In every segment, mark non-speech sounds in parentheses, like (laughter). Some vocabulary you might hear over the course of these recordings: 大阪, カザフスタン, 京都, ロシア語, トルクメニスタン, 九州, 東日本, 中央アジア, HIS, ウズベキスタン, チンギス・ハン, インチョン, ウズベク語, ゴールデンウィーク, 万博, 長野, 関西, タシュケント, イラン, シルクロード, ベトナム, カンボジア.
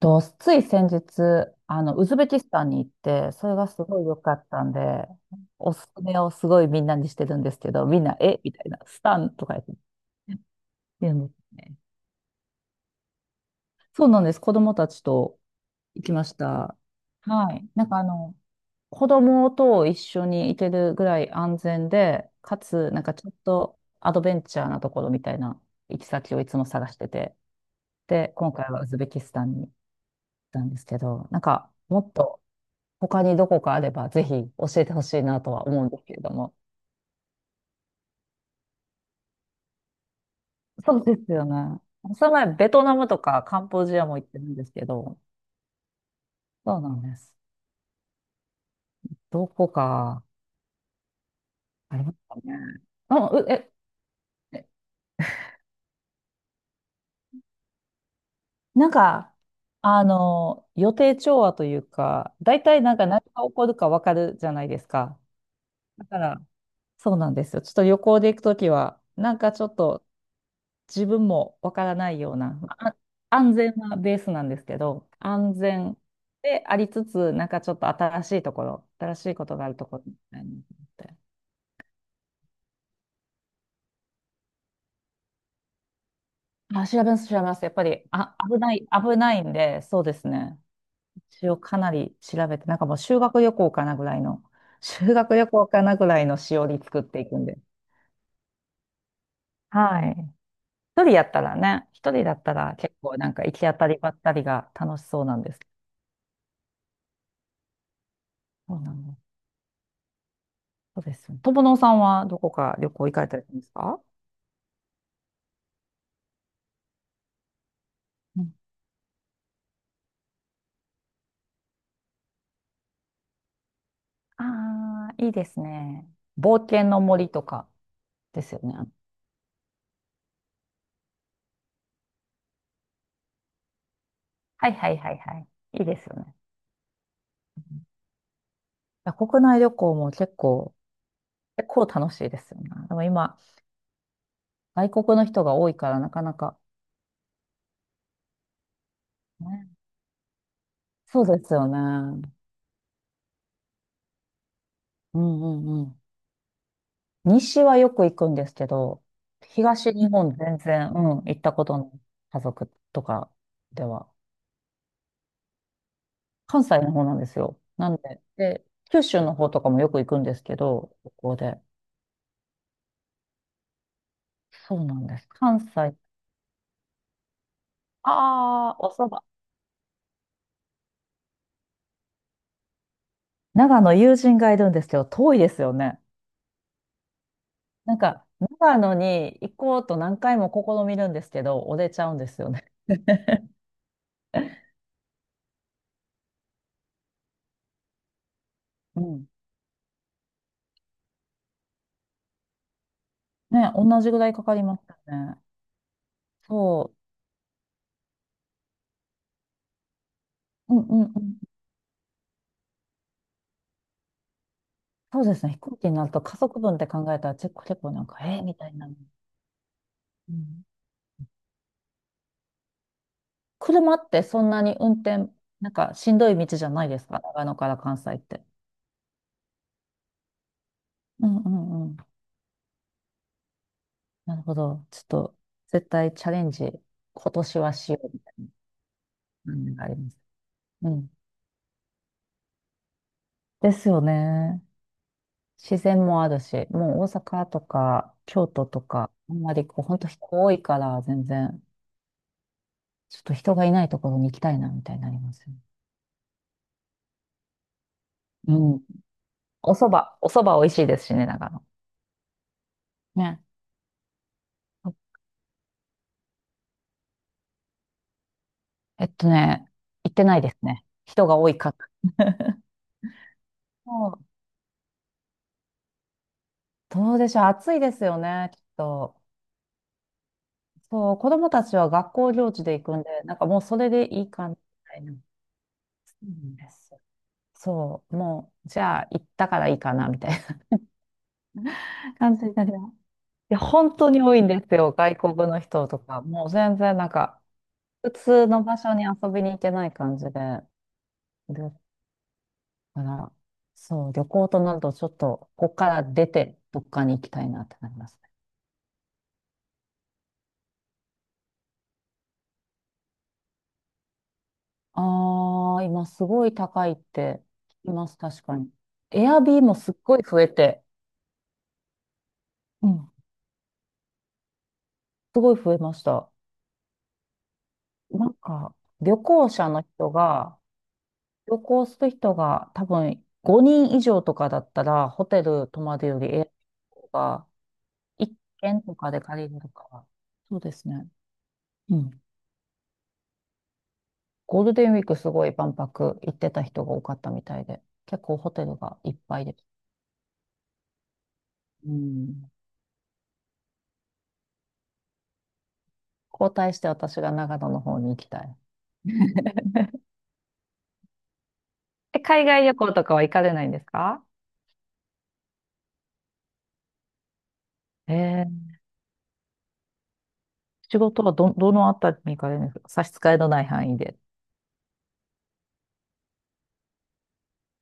と、つい先日、ウズベキスタンに行って、それがすごい良かったんで、おすすめをすごいみんなにしてるんですけど、みんな、えみたいな、スタンとかやって、でもね、そうなんです。子供たちと行きました。はい。なんか子供と一緒に行けるぐらい安全で、かつ、なんかちょっとアドベンチャーなところみたいな行き先をいつも探してて、で、今回はウズベキスタンに行ったんですけど、なんか、もっと、他にどこかあればぜひ教えてほしいなとは思うんですけれども。そうですよね。その前、ベトナムとかカンボジアも行ってるんですけど、そうなんです。どこかありますかね。うん、うえ、えなんか、予定調和というか、大体なんか何が起こるかわかるじゃないですか。だから、そうなんですよ。ちょっと旅行で行くときは、なんかちょっと自分もわからないような、安全なベースなんですけど、安全でありつつ、なんかちょっと新しいところ、新しいことがあるところみたいなのって、あ、調べます、調べます。やっぱり、あ、危ない、危ないんで、そうですね。一応かなり調べて、なんかもう修学旅行かなぐらいの、修学旅行かなぐらいのしおり作っていくんで。はい。一人やったらね、一人だったら結構なんか行き当たりばったりが楽しそうなんです。そうなんです。そうです。友野さんはどこか旅行行かれたりするんですか？うん。ああ、いいですね。冒険の森とかですよね。はいはいはいはい。いいですよね。うん、国内旅行も結構、結構楽しいですよね。でも今、外国の人が多いからなかなか。ね、そうですよね。うんうんうん。西はよく行くんですけど、東日本全然、うん、行ったことの家族とかでは。関西の方なんですよ。なんで、九州の方とかもよく行くんですけど、ここで。そうなんです。関西。ああ、お蕎麦。長野友人がいるんですけど、遠いですよね。なんか、長野に行こうと何回も試みるんですけど、折れちゃうんですよね。うん。ね、同じぐらいかかりますよね。そう。うんうんうん。そうですね。飛行機になると家族分って考えたら結構結構なんか、えー、みたいな。うん。車ってそんなに運転、なんかしんどい道じゃないですか、長野から関西って。うんうんうん。なるほど。ちょっと、絶対チャレンジ、今年はしようみたいな感じがあります。うん。ですよね。自然もあるし、もう大阪とか京都とか、あんまりこう、本当人多いから、全然、ちょっと人がいないところに行きたいな、みたいになりますよね。うん。お蕎麦、お蕎麦美味しいですしね、長野。ね。えっとね、行ってないですね。人が多いから。そうでしょう。暑いですよね、きっと。そう、子供たちは学校行事で行くんで、なんかもうそれでいいかな、みたいな。そうなんですよ。そう、もう、じゃあ行ったからいいかな、みたいな (laughs) 感じになります。いや、本当に多いんですよ、外国の人とか。もう全然なんか、普通の場所に遊びに行けない感じで。だから、そう、旅行となるとちょっと、ここから出て、どっかに行きたいなってなります。ああ、今すごい高いって聞きます、確かに。エアビーもすっごい増えて、うん、すごい増えました。なんか、旅行者の人が、旅行する人が多分5人以上とかだったら、ホテル泊まるよりエアビーが1軒とかで借りれるから。そうですね。うん。ゴールデンウィークすごい万博行ってた人が多かったみたいで、結構ホテルがいっぱいです。うん。交代して私が長野の方に行きたい。え、海外旅行とかは行かれないんですか？ええ、仕事はどのあたりに行かれるんですか？差し支えのない範囲で。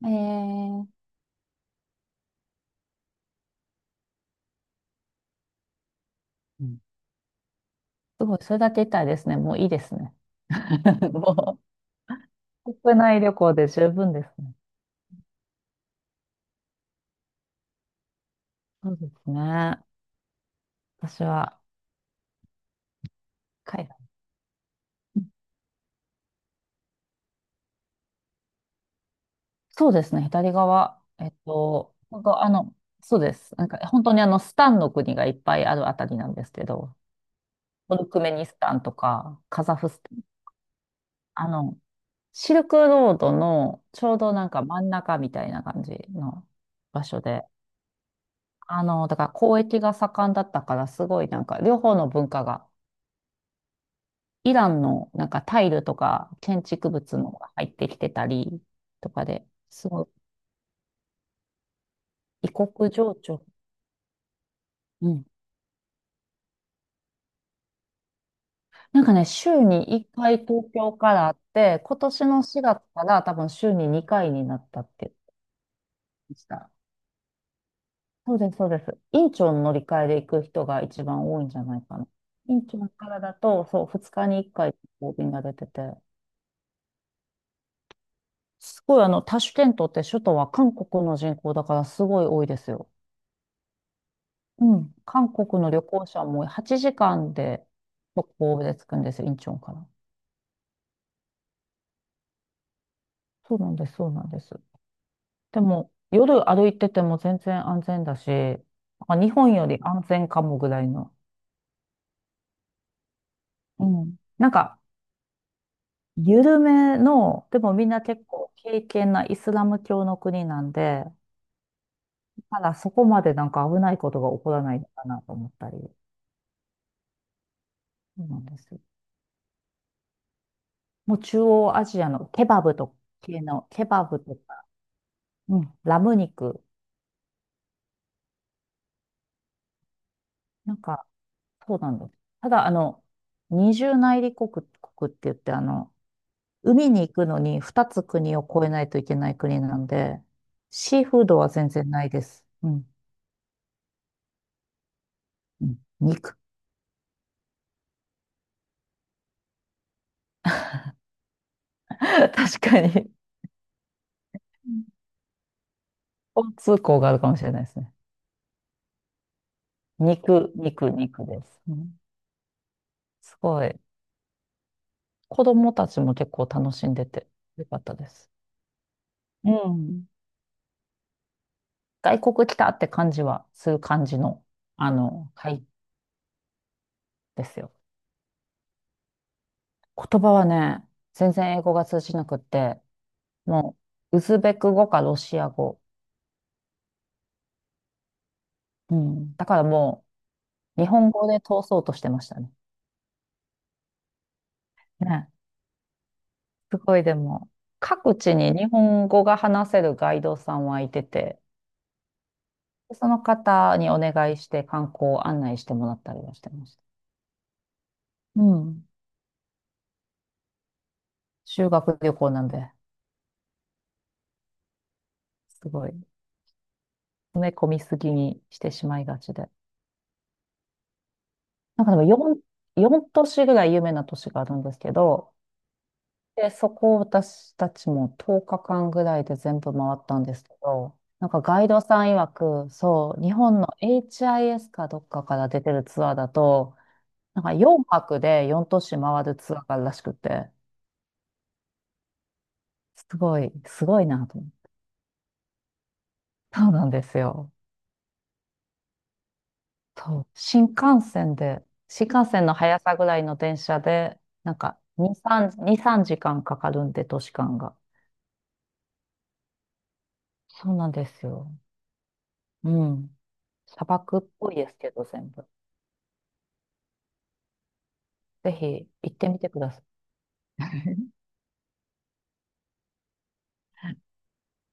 えー、うん、すごい、それだけ言ったらですね、もういいですね。(laughs) もう、国内旅行で十分ですね。そうですね。私は、海外。うん、そうですね、左側。なんかそうです。なんか、本当にスタンの国がいっぱいあるあたりなんですけど、トルクメニスタンとか、カザフスタン、あの、シルクロードのちょうどなんか真ん中みたいな感じの場所で、だから交易が盛んだったからすごいなんか両方の文化が、イランのなんかタイルとか建築物も入ってきてたりとかで、すごい異国情緒。うん。なんかね、週に1回東京からあって、今年の4月から多分週に2回になったって言ってました。そうです、そうです。院長の乗り換えで行く人が一番多いんじゃないかな。院長からだと、そう、2日に1回こう便が出てて、すごいタシュケントって首都は韓国の人口だからすごい多いですよ。うん。韓国の旅行者も8時間で直行で着くんですよ、インチョンから。そうなんです、そうなんです。でも、夜歩いてても全然安全だし、なんか日本より安全かもぐらいの。うん。なんか、緩めの、でもみんな結構敬虔なイスラム教の国なんで、ただそこまでなんか危ないことが起こらないのかなと思ったり、そうなんですよ。もう中央アジアのケバブと系の、ケバブとか、うん、ラム肉、なんか、そうなんです。ただ、二重内陸国、国って言って、海に行くのに二つ国を越えないといけない国なんで、シーフードは全然ないです。うん。うん、肉。(laughs) 確かに。交通校があるかもしれないですね。肉、肉、肉です。うん、すごい。子供たちも結構楽しんでてよかったです。うん。外国来たって感じはする感じの、会ですよ。言葉はね、全然英語が通じなくって、もう、ウズベク語かロシア語。うん。だからもう、日本語で通そうとしてましたね。ね。すごいでも、各地に日本語が話せるガイドさんはいてて、その方にお願いして観光を案内してもらったりはしてました。うん。修学旅行なんで、すごい、詰め込みすぎにしてしまいがちで。なんかでも4、4都市ぐらい有名な都市があるんですけど、で、そこを私たちも10日間ぐらいで全部回ったんですけど、なんかガイドさん曰く、そう、日本の HIS かどっかから出てるツアーだと、なんか4泊で4都市回るツアーがあるらしくて、すごい、すごいなと。そうなんですよ。そう。新幹線で、新幹線の速さぐらいの電車で、なんか2、3、2、3時間かんかかるんで、都市間が。そうなんですよ。うん。砂漠っぽいですけど、全部。ぜひ行ってみてください。(laughs)